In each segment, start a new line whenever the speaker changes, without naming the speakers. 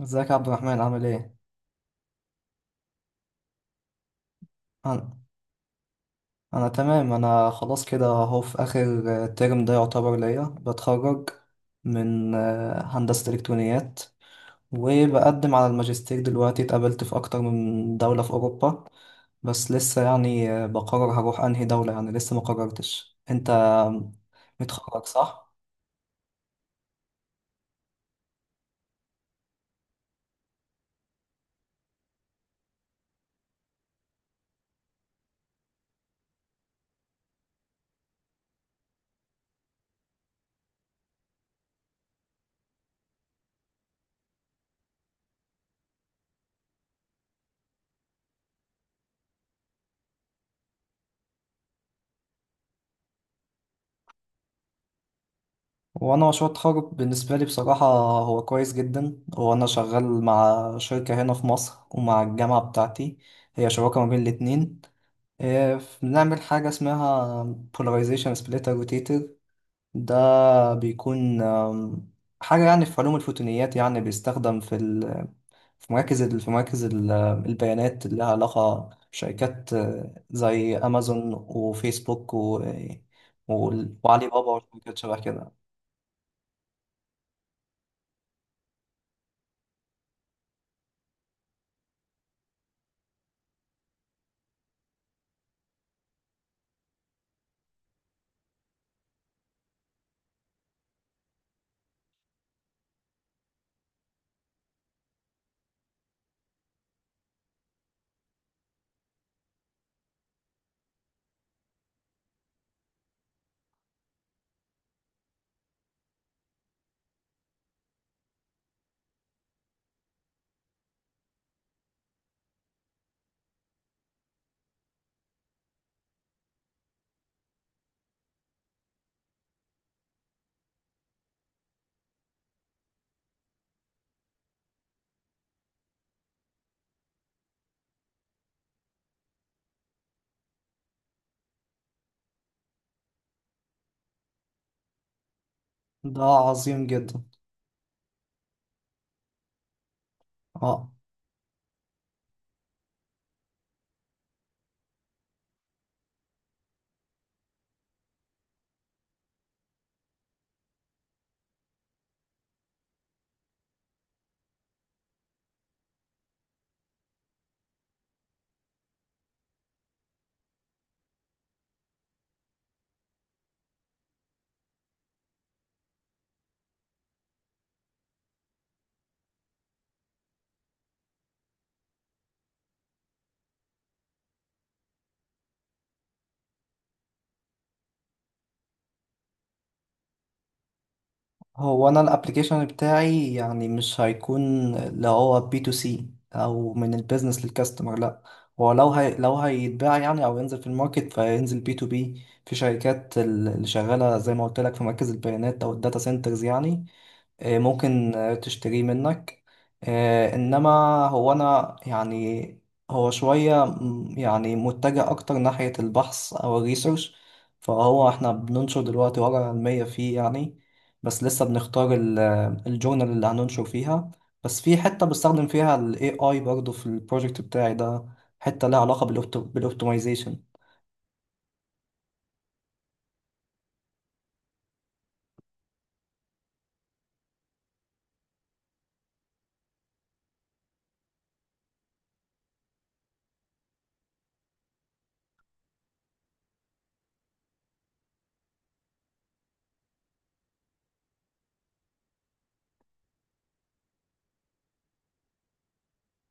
ازيك يا عبد الرحمن عامل ايه؟ انا انا تمام. انا خلاص كده اهو في اخر ترم ده يعتبر ليا بتخرج من هندسة الكترونيات. وبقدم على الماجستير دلوقتي. اتقابلت في اكتر من دولة في اوروبا، بس لسه يعني بقرر هروح انهي دولة. يعني لسه ما قررتش. انت متخرج صح؟ وانا مشروع التخرج بالنسبه لي بصراحه هو كويس جدا. وانا شغال مع شركه هنا في مصر ومع الجامعه بتاعتي، هي شراكه ما بين الاتنين. بنعمل حاجه اسمها polarization splitter rotator. ده بيكون حاجه يعني في علوم الفوتونيات، يعني بيستخدم في ال- في مراكز ال- في مراكز ال- البيانات اللي لها علاقه بشركات زي امازون وفيسبوك و وعلي بابا وشركات شبه كده. ده عظيم جدا. اه. هو انا الابليكيشن بتاعي يعني مش هيكون اللي هو بي تو سي، او من البيزنس للكاستمر، لا. هو لو هيتباع يعني، او ينزل في الماركت، فينزل بي تو بي في شركات اللي شغاله زي ما قلت لك في مركز البيانات او الداتا سنترز يعني. ممكن تشتريه منك. انما هو انا يعني هو شوية يعني متجه اكتر ناحية البحث او الريسيرش. فهو احنا بننشر دلوقتي ورقة علمية فيه يعني. بس لسه بنختار الجورنال اللي هننشر فيها. بس في حتة بستخدم فيها ال AI برضه في البروجكت بتاعي ده، حتة لها علاقة بالاوبتمايزيشن.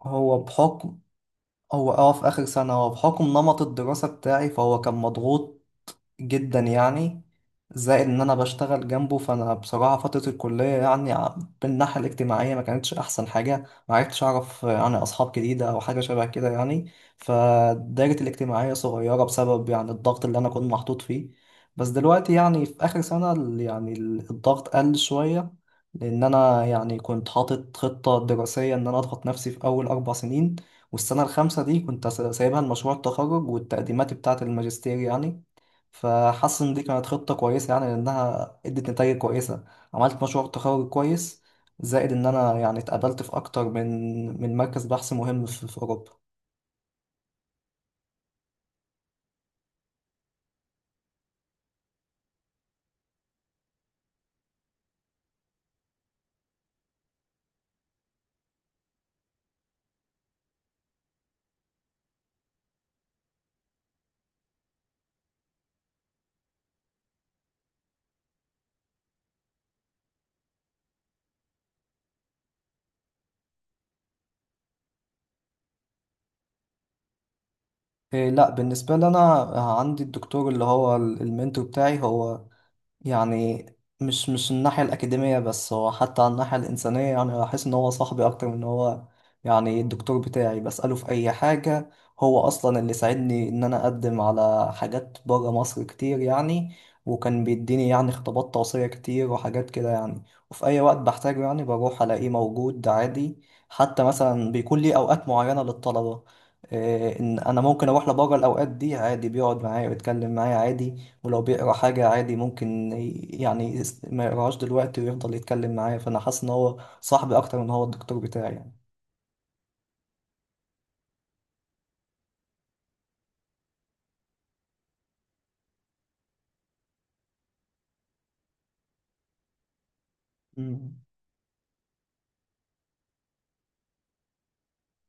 هو بحكم هو اه، في آخر سنة. هو بحكم نمط الدراسة بتاعي فهو كان مضغوط جدا يعني. زائد ان انا بشتغل جنبه. فانا بصراحه فتره الكليه يعني بالناحيه الاجتماعيه ما كانتش احسن حاجه. ما عرفتش اعرف يعني اصحاب جديده او حاجه شبه كده يعني. فدايرتي الاجتماعيه صغيره بسبب يعني الضغط اللي انا كنت محطوط فيه. بس دلوقتي يعني في اخر سنه الضغط قل شويه. لان انا يعني كنت حاطط خطه دراسيه ان انا اضغط نفسي في اول 4 سنين، والسنه الخامسه دي كنت سايبها لمشروع التخرج والتقديمات بتاعه الماجستير يعني. فحاسس ان دي كانت خطة كويسة يعني لانها ادت نتائج كويسة. عملت مشروع تخرج كويس. زائد ان انا يعني اتقابلت في اكتر من مركز بحث مهم في اوروبا. إيه لا. بالنسبة لي انا عندي الدكتور اللي هو المنتور بتاعي. هو يعني مش الناحية الأكاديمية بس، هو حتى على الناحية الإنسانية. يعني أحس إن هو صاحبي أكتر من إن هو يعني الدكتور بتاعي. بسأله في أي حاجة. هو أصلا اللي ساعدني إن أنا أقدم على حاجات برا مصر كتير يعني. وكان بيديني يعني خطابات توصية كتير وحاجات كده يعني. وفي أي وقت بحتاجه يعني بروح ألاقيه موجود عادي. حتى مثلا بيكون لي أوقات معينة للطلبة، إيه، إن أنا ممكن أروح لبرا الأوقات دي عادي بيقعد معايا ويتكلم معايا عادي. ولو بيقرا حاجة عادي ممكن ما يقراهاش دلوقتي ويفضل يتكلم معايا. فأنا حاسس إن هو صاحبي أكتر من هو الدكتور بتاعي يعني. مم.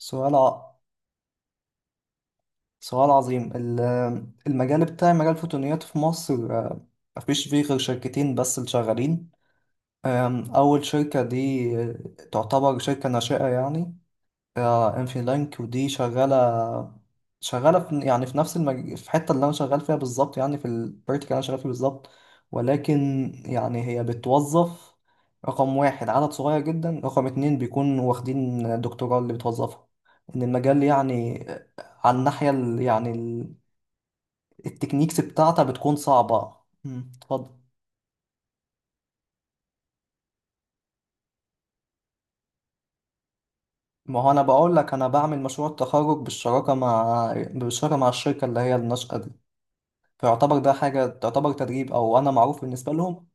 سؤال ع... سؤال عظيم. المجال بتاعي مجال الفوتونيات في مصر مفيش فيه غير شركتين بس اللي شغالين. أول شركة دي تعتبر شركة ناشئة يعني. اه، انفي لانك. ودي شغاله في يعني في نفس في الحته اللي انا شغال فيها بالظبط يعني. في الفيرتيكال اللي انا شغال فيه بالظبط. ولكن يعني هي بتوظف: رقم واحد، عدد صغير جدا؛ رقم اتنين، بيكون واخدين الدكتوراه اللي بتوظفها. ان المجال يعني على الناحيه التكنيكس بتاعتها بتكون صعبه. مم، اتفضل. ما هو انا بقول لك انا بعمل مشروع التخرج بالشراكه مع الشركه اللي هي الناشئه دي. فيعتبر ده حاجة تعتبر تدريب، أو أنا معروف بالنسبة لهم.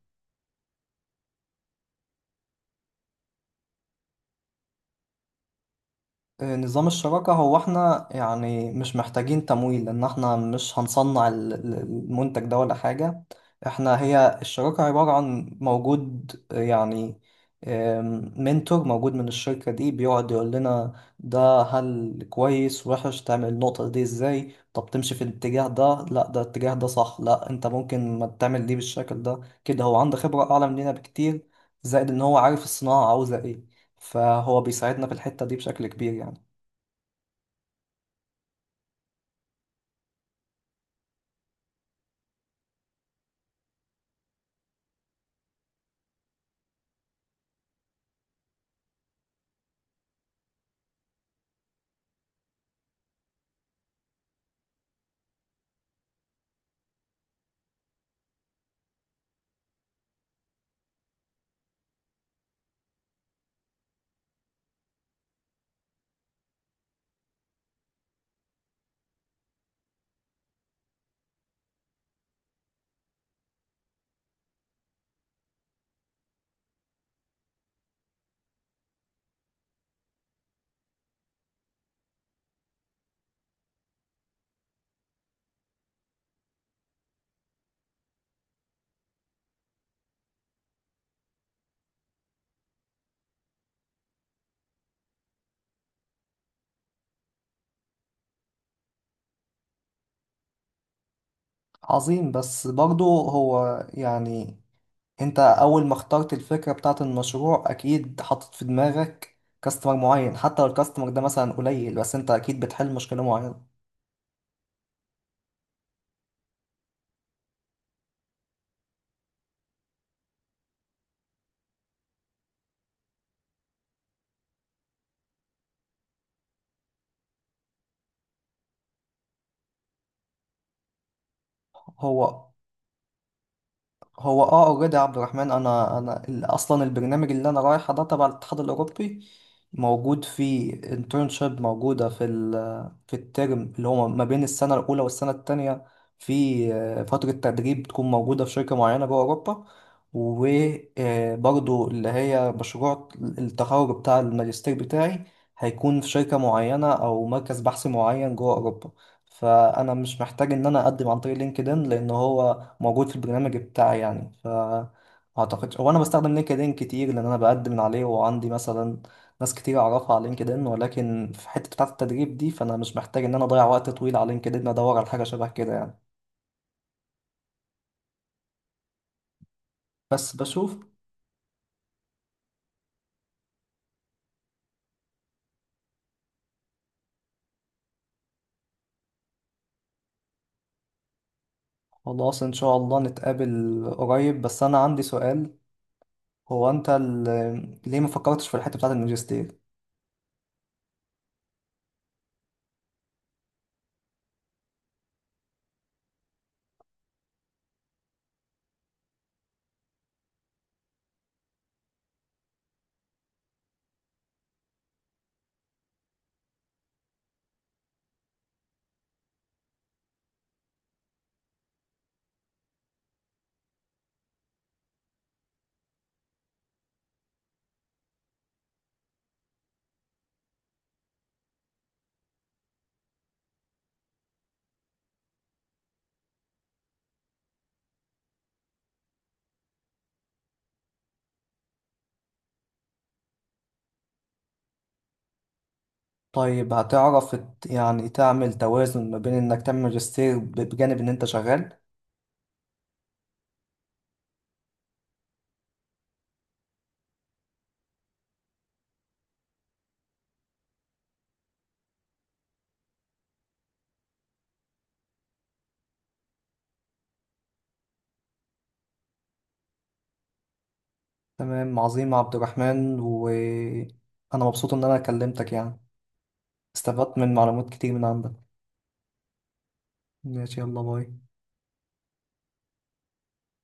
نظام الشراكة هو احنا يعني مش محتاجين تمويل، لأن احنا مش هنصنع المنتج ده ولا حاجة. احنا هي الشراكة عبارة عن موجود يعني منتور موجود من الشركة دي بيقعد يقول لنا ده هل كويس وحش، تعمل النقطة دي ازاي، طب تمشي في الاتجاه ده، لا ده الاتجاه ده صح، لا انت ممكن ما تعمل دي بالشكل ده كده. هو عنده خبرة أعلى مننا بكتير. زائد ان هو عارف الصناعة عاوزة ايه، فهو بيساعدنا في الحتة دي بشكل كبير يعني. عظيم. بس برضو هو يعني انت اول ما اخترت الفكرة بتاعت المشروع اكيد حاطط في دماغك كاستمر معين. حتى لو الكاستمر ده مثلا قليل، بس انت اكيد بتحل مشكلة معينة. هو هو اه، اوريدي يا عبد الرحمن. انا اصلا البرنامج اللي انا رايحه ده تبع الاتحاد الاوروبي، موجود فيه انترنشيب، موجوده في الترم اللي هو ما بين السنه الاولى والسنه التانية. في فتره تدريب بتكون موجوده في شركه معينه جوه اوروبا. وبرضه اللي هي مشروع التخرج بتاع الماجستير بتاعي هيكون في شركه معينه او مركز بحث معين جوه اوروبا. فانا مش محتاج ان انا اقدم عن طريق لينكدين لان هو موجود في البرنامج بتاعي يعني. ف اعتقدش هو انا بستخدم لينكدين كتير لان انا بقدم من عليه، وعندي مثلا ناس كتير اعرفها على لينكدين. ولكن في حته بتاعه التدريب دي فانا مش محتاج ان انا اضيع وقت طويل على لينكدين ادور على حاجه شبه كده يعني. بس بشوف. خلاص ان شاء الله نتقابل قريب، بس انا عندي سؤال. هو انت ليه ما فكرتش في الحته بتاعه الماجستير؟ طيب هتعرف يعني تعمل توازن ما بين انك تعمل ماجستير بجانب ان انت شغال؟ تمام. عظيم عبد الرحمن. وأنا مبسوط إن أنا كلمتك يعني. استفدت من معلومات كتير من عندك. ماشي يلا باي.